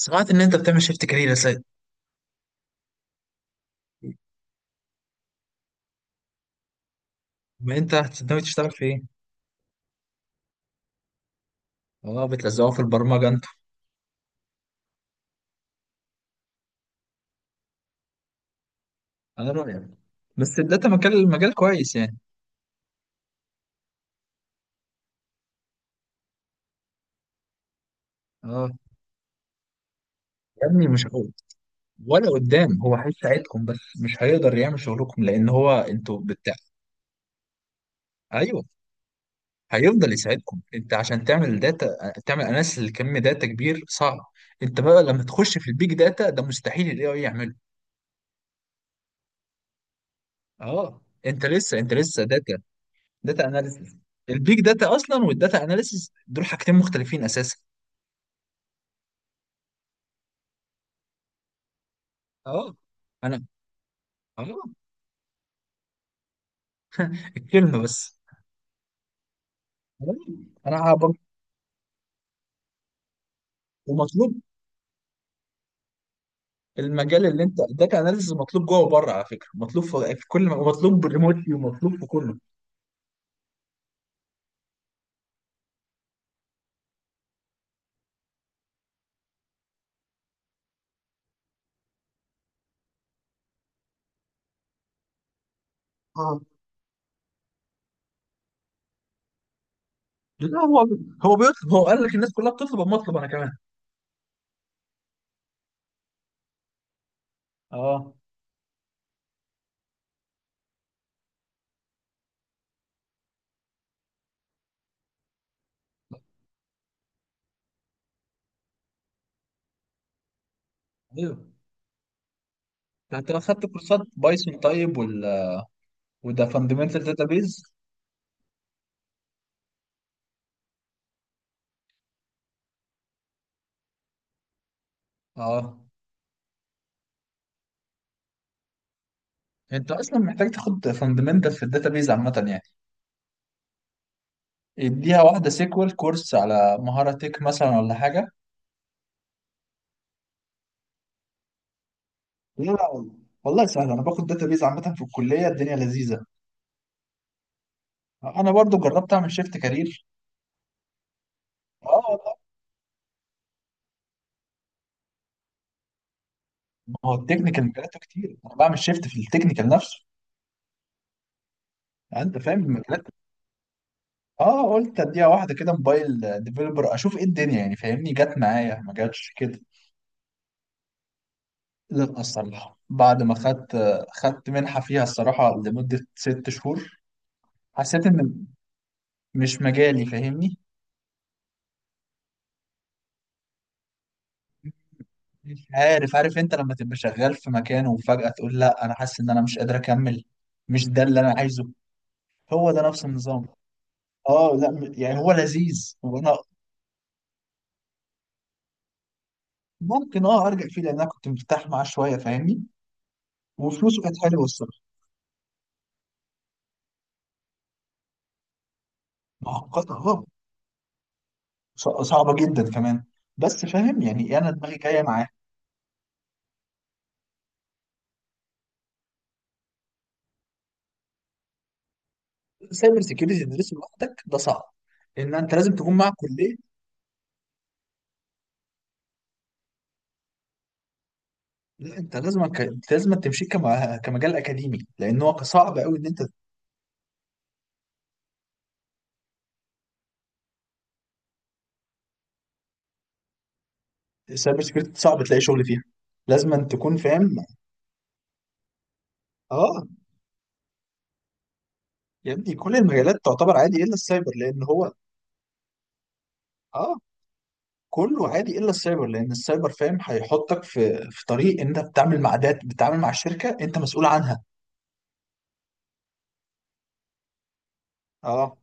سمعت ان انت بتعمل شيفت كارير يا سيد، ما انت ناوي تشتغل في ايه؟ اه بتلزقوا في البرمجه انتوا؟ انا رايك بس الداتا مجال مجال كويس يعني. اه يا ابني مش هو ولا قدام، هو هيساعدكم بس مش هيقدر يعمل شغلكم لان هو انتوا بتاع. ايوه هيفضل يساعدكم. انت عشان تعمل داتا تعمل اناليسيس لكم داتا كبير صعب. انت بقى لما تخش في البيج داتا ده مستحيل الاي اي يعمله. اه انت لسه داتا داتا اناليسيس. البيج داتا اصلا والداتا اناليسيس دول حاجتين مختلفين اساسا. اه انا اه الكلمه بس. انا هبقى ومطلوب. المجال اللي انت داتا اناليسز مطلوب جوه وبره على فكره، مطلوب في كل ومطلوب ريموتلي ومطلوب في كله. اه لا هو، هو بيطلب، هو قال لك الناس كلها بتطلب اما اطلب انا كمان. اه ايوه، انت لو خدت كورسات بايثون طيب وده فاندمنتال داتابيز. اه انت اصلا محتاج تاخد فاندمنتال في الداتابيز عامه يعني. اديها واحده سيكوال كورس على مهاره تك مثلا ولا حاجه. لا لا والله، والله سهل. انا باخد داتابيز عامه في الكليه الدنيا لذيذه. انا برضو جربت اعمل شيفت كارير. اه والله. ما هو التكنيكال مجالاته كتير، انا بعمل شيفت في التكنيكال نفسه. يعني انت فاهم المجالات. اه قلت اديها واحده كده موبايل ديفلوبر اشوف ايه الدنيا يعني فاهمني، جت معايا ما جاتش كده. لا، الصراحه بعد ما خدت منحه فيها الصراحه لمده 6 شهور. حسيت ان مش مجالي فاهمني. مش عارف، عارف انت لما تبقى شغال في مكان وفجأة تقول لا انا حاسس ان انا مش قادر اكمل. مش ده اللي انا عايزه. هو ده نفس النظام. اه لا يعني هو لذيذ وانا. ممكن ارجع فيه لان انا كنت مرتاح معاه شوية فاهمني. وفلوسه كانت حلوة الصراحة. معقدة اه. صعبة جدا كمان. بس فاهم يعني انا دماغي جاية معاه. سايبر سيكيورتي تدرسه لوحدك ده صعب، ان انت لازم تكون مع كلية. لا انت لازم تمشي كمجال اكاديمي لان هو صعب قوي ان انت. السايبر سكيورتي صعب تلاقي شغل فيها، لازم أن تكون فاهم. اه يا ابني، كل المجالات تعتبر عادي الا السايبر لان هو. اه كله عادي الا السايبر لان السايبر فاهم هيحطك في طريق، انت بتتعامل مع دات بتتعامل مع الشركه انت مسؤول عنها. اه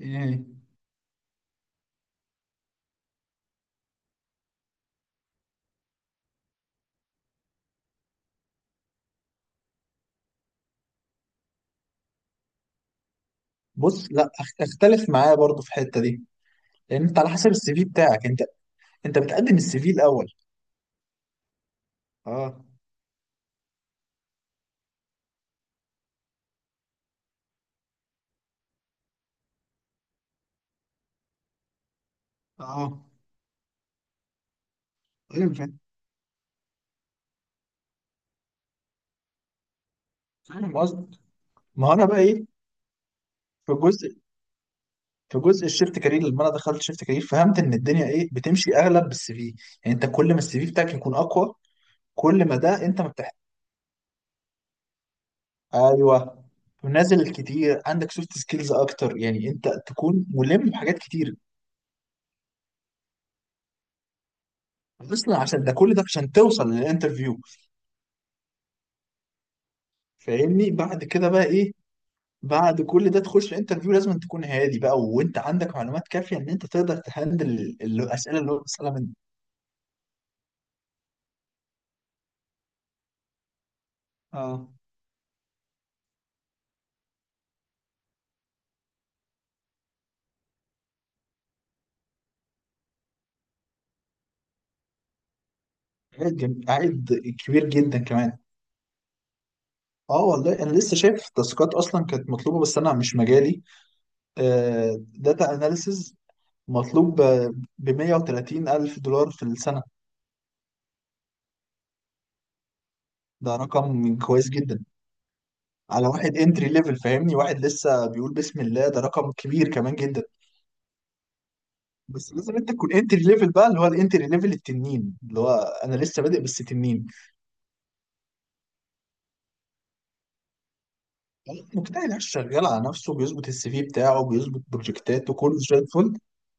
يعني بص، لا اختلف معايا برضو في الحته دي لان انت على حسب السي في بتاعك. انت بتقدم السي في الاول. اه اه، ايوه فاهم. فاهم قصدي. ما هو انا بقى ايه. في الجزء في جزء الشيفت كارير، لما انا دخلت شيفت كارير فهمت ان الدنيا ايه بتمشي اغلب بالسي في. يعني انت كل ما السي في بتاعك يكون اقوى كل ما ده انت مرتاح. ايوه، نازل كتير عندك سوفت سكيلز اكتر يعني انت تكون ملم بحاجات كتير. اصلا عشان ده كل ده عشان توصل للانترفيو فاهمني. بعد كده بقى ايه، بعد كل ده تخش الانترفيو لازم تكون هادي بقى وانت عندك معلومات كافيه ان انت تقدر تهندل الاسئله اللي هو بيسالها منك. اه عائد كبير جدا كمان. اه والله انا لسه شايف تاسكات اصلا كانت مطلوبه بس انا مش مجالي. داتا اناليسز مطلوب ب 130 الف دولار في السنه. ده رقم كويس جدا. على واحد انتري ليفل فاهمني، واحد لسه بيقول بسم الله، ده رقم كبير كمان جدا. بس لازم انت تكون انتري ليفل بقى، اللي هو الانتري ليفل التنين اللي هو. انا لسه بادئ بس تنين. مجتهد عايش شغال على نفسه، بيظبط السي في بتاعه، بيظبط بروجكتاته كله زي الفل.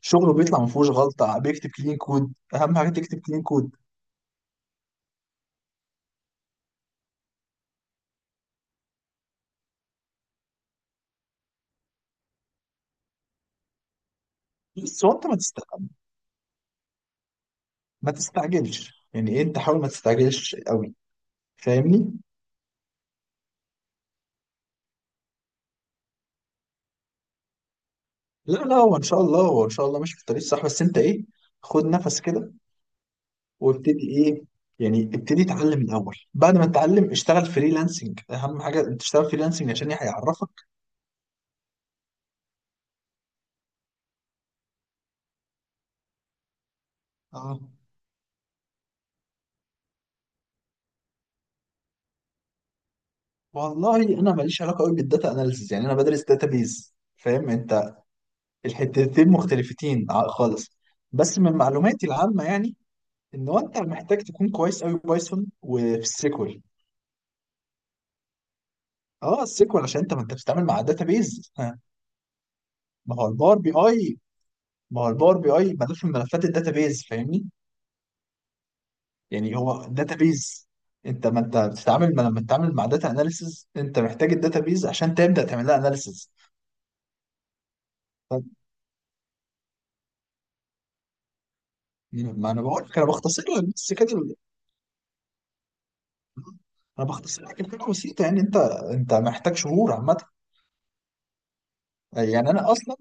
شغله بيطلع ما فيهوش غلطه، بيكتب كلين كود، اهم حاجه تكتب كلين كود. بس هو انت ما تستعجلش يعني ايه انت، حاول ما تستعجلش قوي فاهمني. لا لا، هو ان شاء الله ماشي في الطريق الصح، بس انت ايه، خد نفس كده وابتدي ايه، يعني ابتدي اتعلم الاول، بعد ما تتعلم اشتغل فريلانسنج، اهم حاجه انت تشتغل فريلانسنج عشان هيعرفك. اه والله، انا ماليش علاقه قوي بالداتا اناليسيز يعني انا بدرس داتابيز فاهم انت. الحتتين مختلفتين خالص. بس من معلوماتي العامه يعني ان هو انت محتاج تكون كويس قوي بايثون وفي SQL. اه السيكوال عشان انت ما انت بتتعامل مع بيز. ما هو الباور بي اي ما هو الباور بي اي ملوش من ملفات بيز فاهمني. يعني هو بيز. انت ما انت بتتعامل ما لما بتتعامل مع داتا اناليسز انت محتاج بيز عشان تبدا تعمل لها اناليسز. ما انا بقول لك، انا بختصر لك بس كده انا بختصر لك الفكره بسيطه يعني انت. انت محتاج شهور عامه. يعني انا اصلا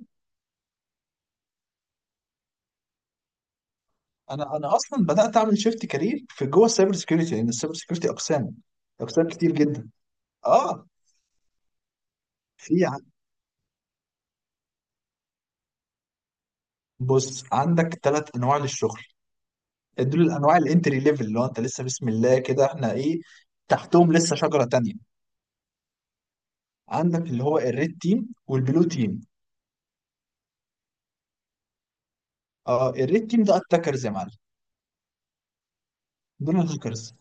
انا انا اصلا بدات اعمل شيفت كارير في جوه السايبر سكيورتي لان السايبر سكيورتي اقسام، اقسام كتير جدا. اه في، بص عندك 3 انواع للشغل. دول الانواع الانتري ليفل اللي هو انت لسه بسم الله كده احنا ايه، تحتهم لسه شجره تانية. عندك اللي هو الريد تيم والبلو تيم. اه الريد تيم ده اتاكرز يا معلم. دول الهاكرز.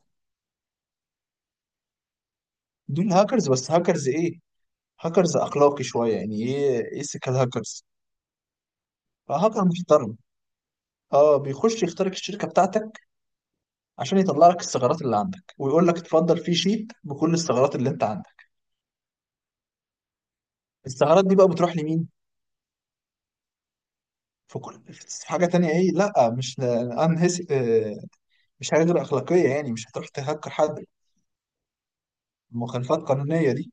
دول هاكرز بس هاكرز ايه، هاكرز اخلاقي شويه يعني ايه، ايثيكال هاكرز. هاكر محترم. اه بيخش يخترق الشركه بتاعتك عشان يطلع لك الثغرات اللي عندك ويقول لك اتفضل في شيت بكل الثغرات اللي انت عندك. الثغرات دي بقى بتروح لمين؟ في حاجة تانية ايه، لا مش انهس. مش حاجة غير أخلاقية يعني، مش هتروح تهكر حد. المخالفات القانونية دي.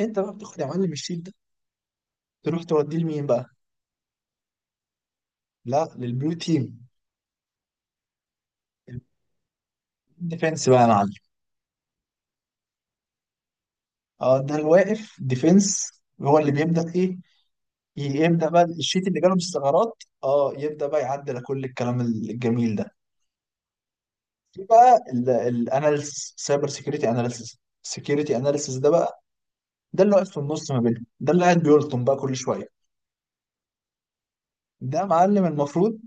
انت بقى بتاخد يا معلم الشيت ده تروح توديه لمين بقى؟ لا، للبلو تيم. الديفنس بقى يا معلم. اه ده الواقف ديفنس. هو اللي بيبدأ ايه، يبدأ بقى الشيت اللي جاله من الثغرات، اه يبدأ بقى يعدل كل الكلام الجميل ده. في بقى الاناليسيس، سايبر سيكيورتي اناليسيس، سيكيورتي اناليسيس ده بقى ده اللي واقف في النص ما بينهم، ده اللي قاعد بيلطم بقى كل شوية. ده معلم المفروض.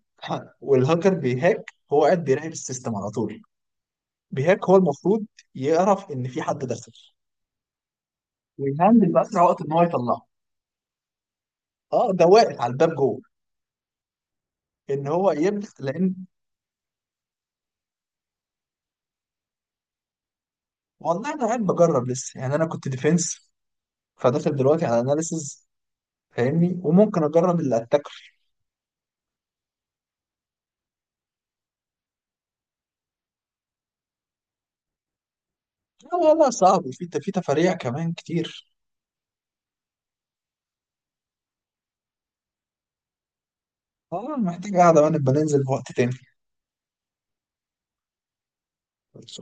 والهاكر بيهاك، هو قاعد بيراقب السيستم على طول. بيهاك هو المفروض يعرف ان في حد داخل، ويهندل باسرع وقت ان هو يطلعه. اه ده واقف على الباب جوه ان هو يبدا لان. والله انا قاعد بجرب لسه يعني، انا كنت ديفense فداخل دلوقتي على اناليسز فاهمني، وممكن اجرب اللي اتاكل. لا والله صعب وفي تفاريع كمان كتير. اه محتاج قاعده وانا بنزل في وقت تاني.